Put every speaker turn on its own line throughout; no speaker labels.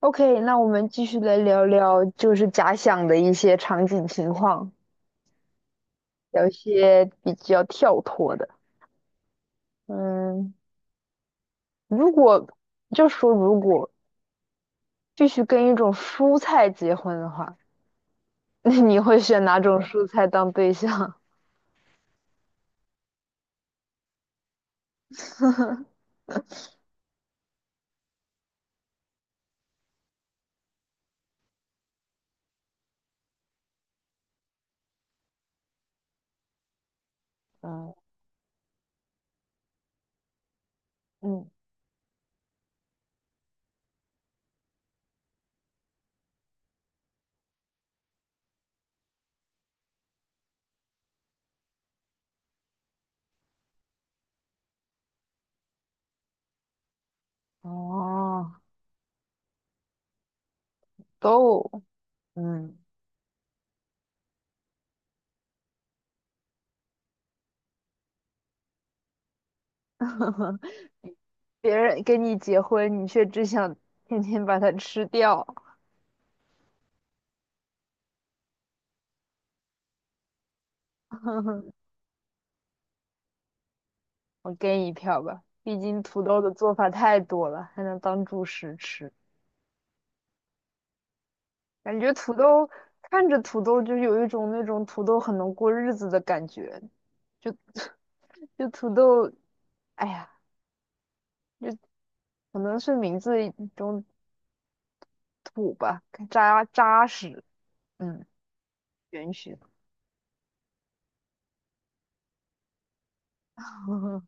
OK，那我们继续来聊聊，就是假想的一些场景情况，聊一些比较跳脱的。嗯，如果如果必须跟一种蔬菜结婚的话，那你会选哪种蔬菜当对象？嗯。嗯。哦，都嗯。别人跟你结婚，你却只想天天把它吃掉。我给你一票吧，毕竟土豆的做法太多了，还能当主食吃。感觉土豆，看着土豆就有一种那种土豆很能过日子的感觉，就就土豆，哎呀，就可能是名字一种土吧，扎扎实，嗯，允许。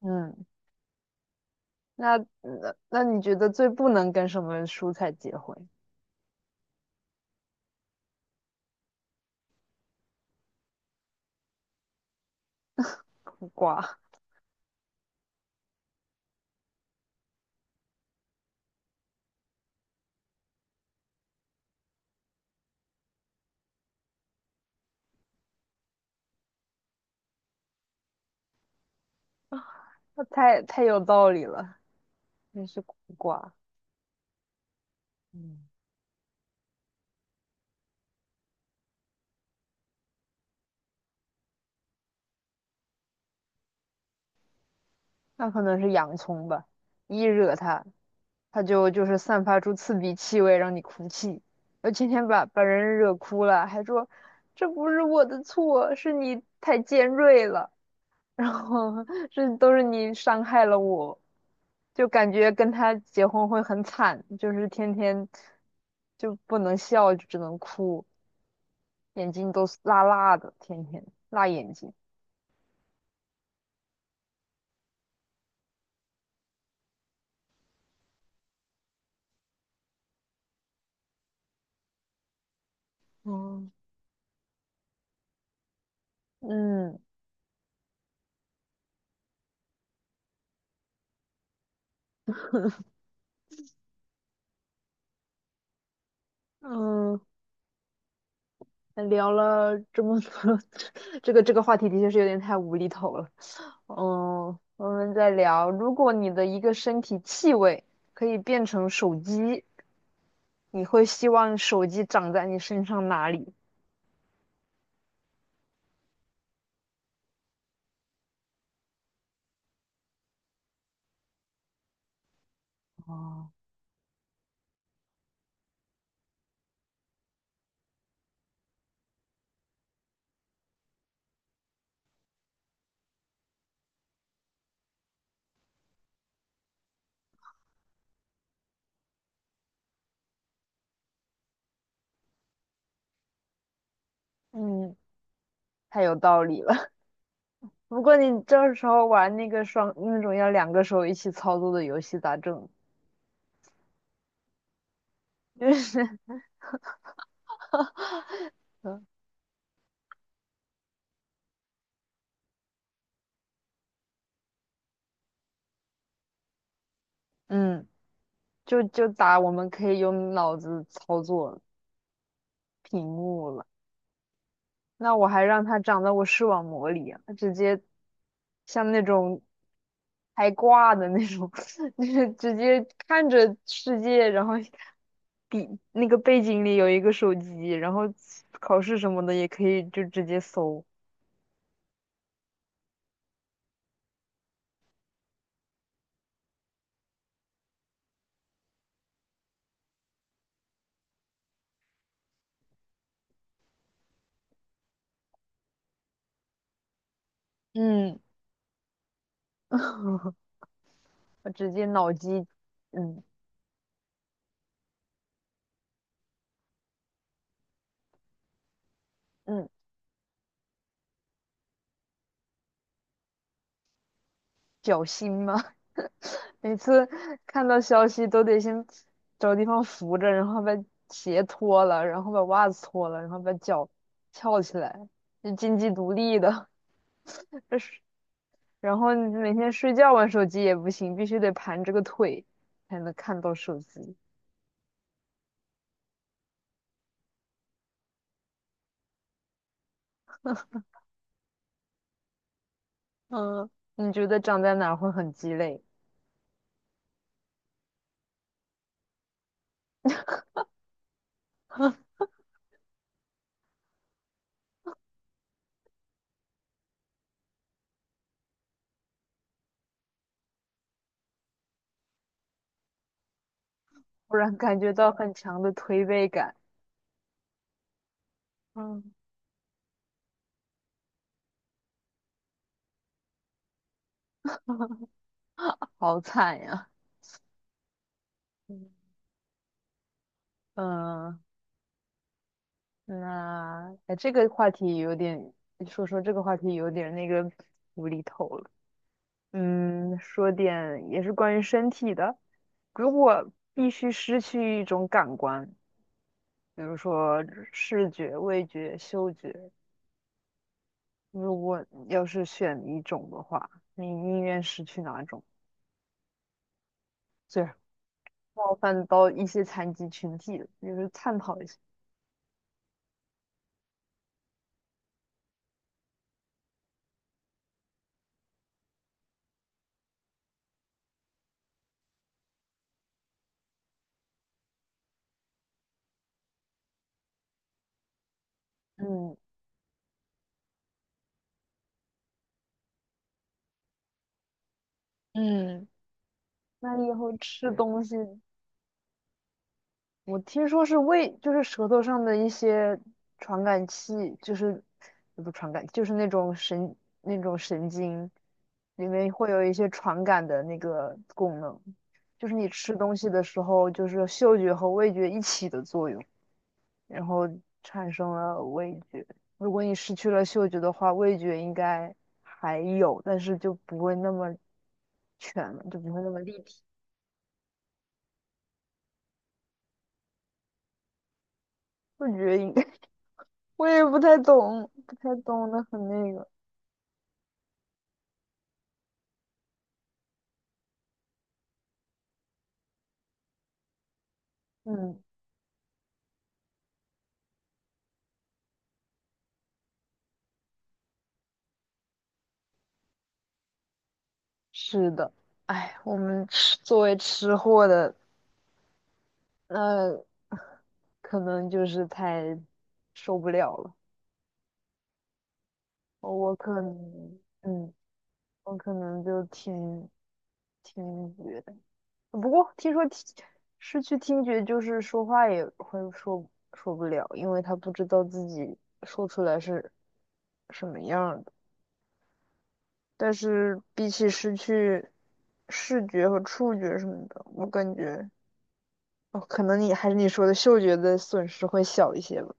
嗯。那你觉得最不能跟什么蔬菜结婚？苦瓜。那太有道理了，那是苦瓜，嗯。那可能是洋葱吧，一惹它，它就是散发出刺鼻气味，让你哭泣。我今天把人惹哭了，还说这不是我的错，是你太尖锐了，然后这 都是你伤害了我。就感觉跟他结婚会很惨，就是天天就不能笑，就只能哭，眼睛都是辣辣的，天天辣眼睛。哦。嗯。嗯，聊了这么多，这个话题的确是有点太无厘头了。嗯，我们再聊，如果你的一个身体气味可以变成手机，你会希望手机长在你身上哪里？哦。嗯，太有道理了。不过你这时候玩那个双那种要两个手一起操作的游戏咋整？就是。嗯，就就打我们可以用脑子操作屏幕了。那我还让它长在我视网膜里啊，它直接像那种开挂的那种，就是直接看着世界，然后底那个背景里有一个手机，然后考试什么的也可以就直接搜。嗯。我直接脑机。嗯。嗯，绞心吗？每次看到消息都得先找地方扶着，然后把鞋脱了，然后把袜子脱了，然后把脚翘起来，就经济独立的。这是，然后你每天睡觉玩手机也不行，必须得盘着个腿才能看到手机。嗯，你觉得长在哪儿会很鸡肋？不然感觉到很强的推背感。嗯，好惨呀。嗯，那哎，这个话题有点，说说这个话题有点那个无厘头了。嗯，说点也是关于身体的。如果必须失去一种感官，比如说视觉、味觉、嗅觉，如果要是选一种的话，你宁愿失去哪种？最冒犯到一些残疾群体的，就是探讨一下。嗯。嗯，那以后吃东西，我听说是胃，就是舌头上的一些传感器，就是也不传感，就是那种神，那种神经里面会有一些传感的那个功能，就是你吃东西的时候，就是嗅觉和味觉一起的作用，然后产生了味觉。如果你失去了嗅觉的话，味觉应该还有，但是就不会那么全了，就不会那么立体。味觉应该 我也不太懂，不太懂的很那个。嗯。是的，哎，我们吃作为吃货的，那、可能就是太受不了了。我可能，嗯，我可能就听，听觉。不过听说听，失去听觉，就是说话也会说说不了，因为他不知道自己说出来是什么样儿的。但是比起失去视觉和触觉什么的，我感觉。哦，可能你还是你说的嗅觉的损失会小一些吧。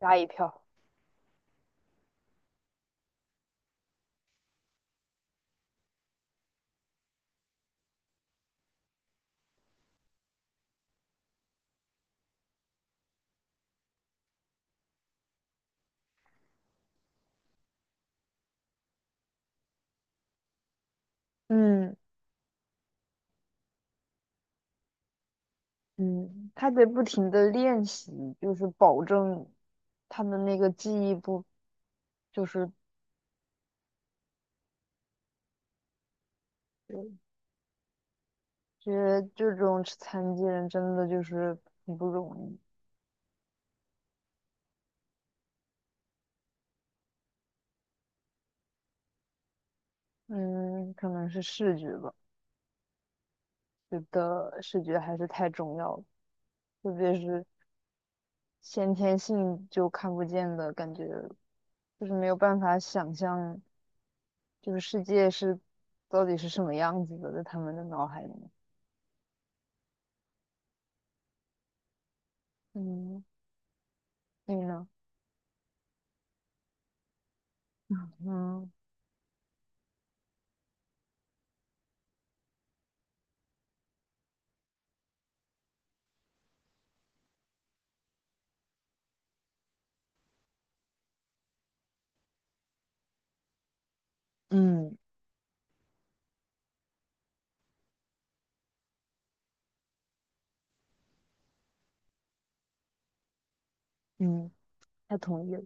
吓一票。嗯。嗯，他得不停的练习，就是保证他的那个记忆不，就是觉得这种残疾人真的就是很不容易。嗯，可能是视觉吧，觉得视觉还是太重要了，特别是先天性就看不见的感觉，就是没有办法想象这个世界是到底是什么样子的，在他们的脑海里面。嗯，你呢？嗯。嗯。嗯，他同意了。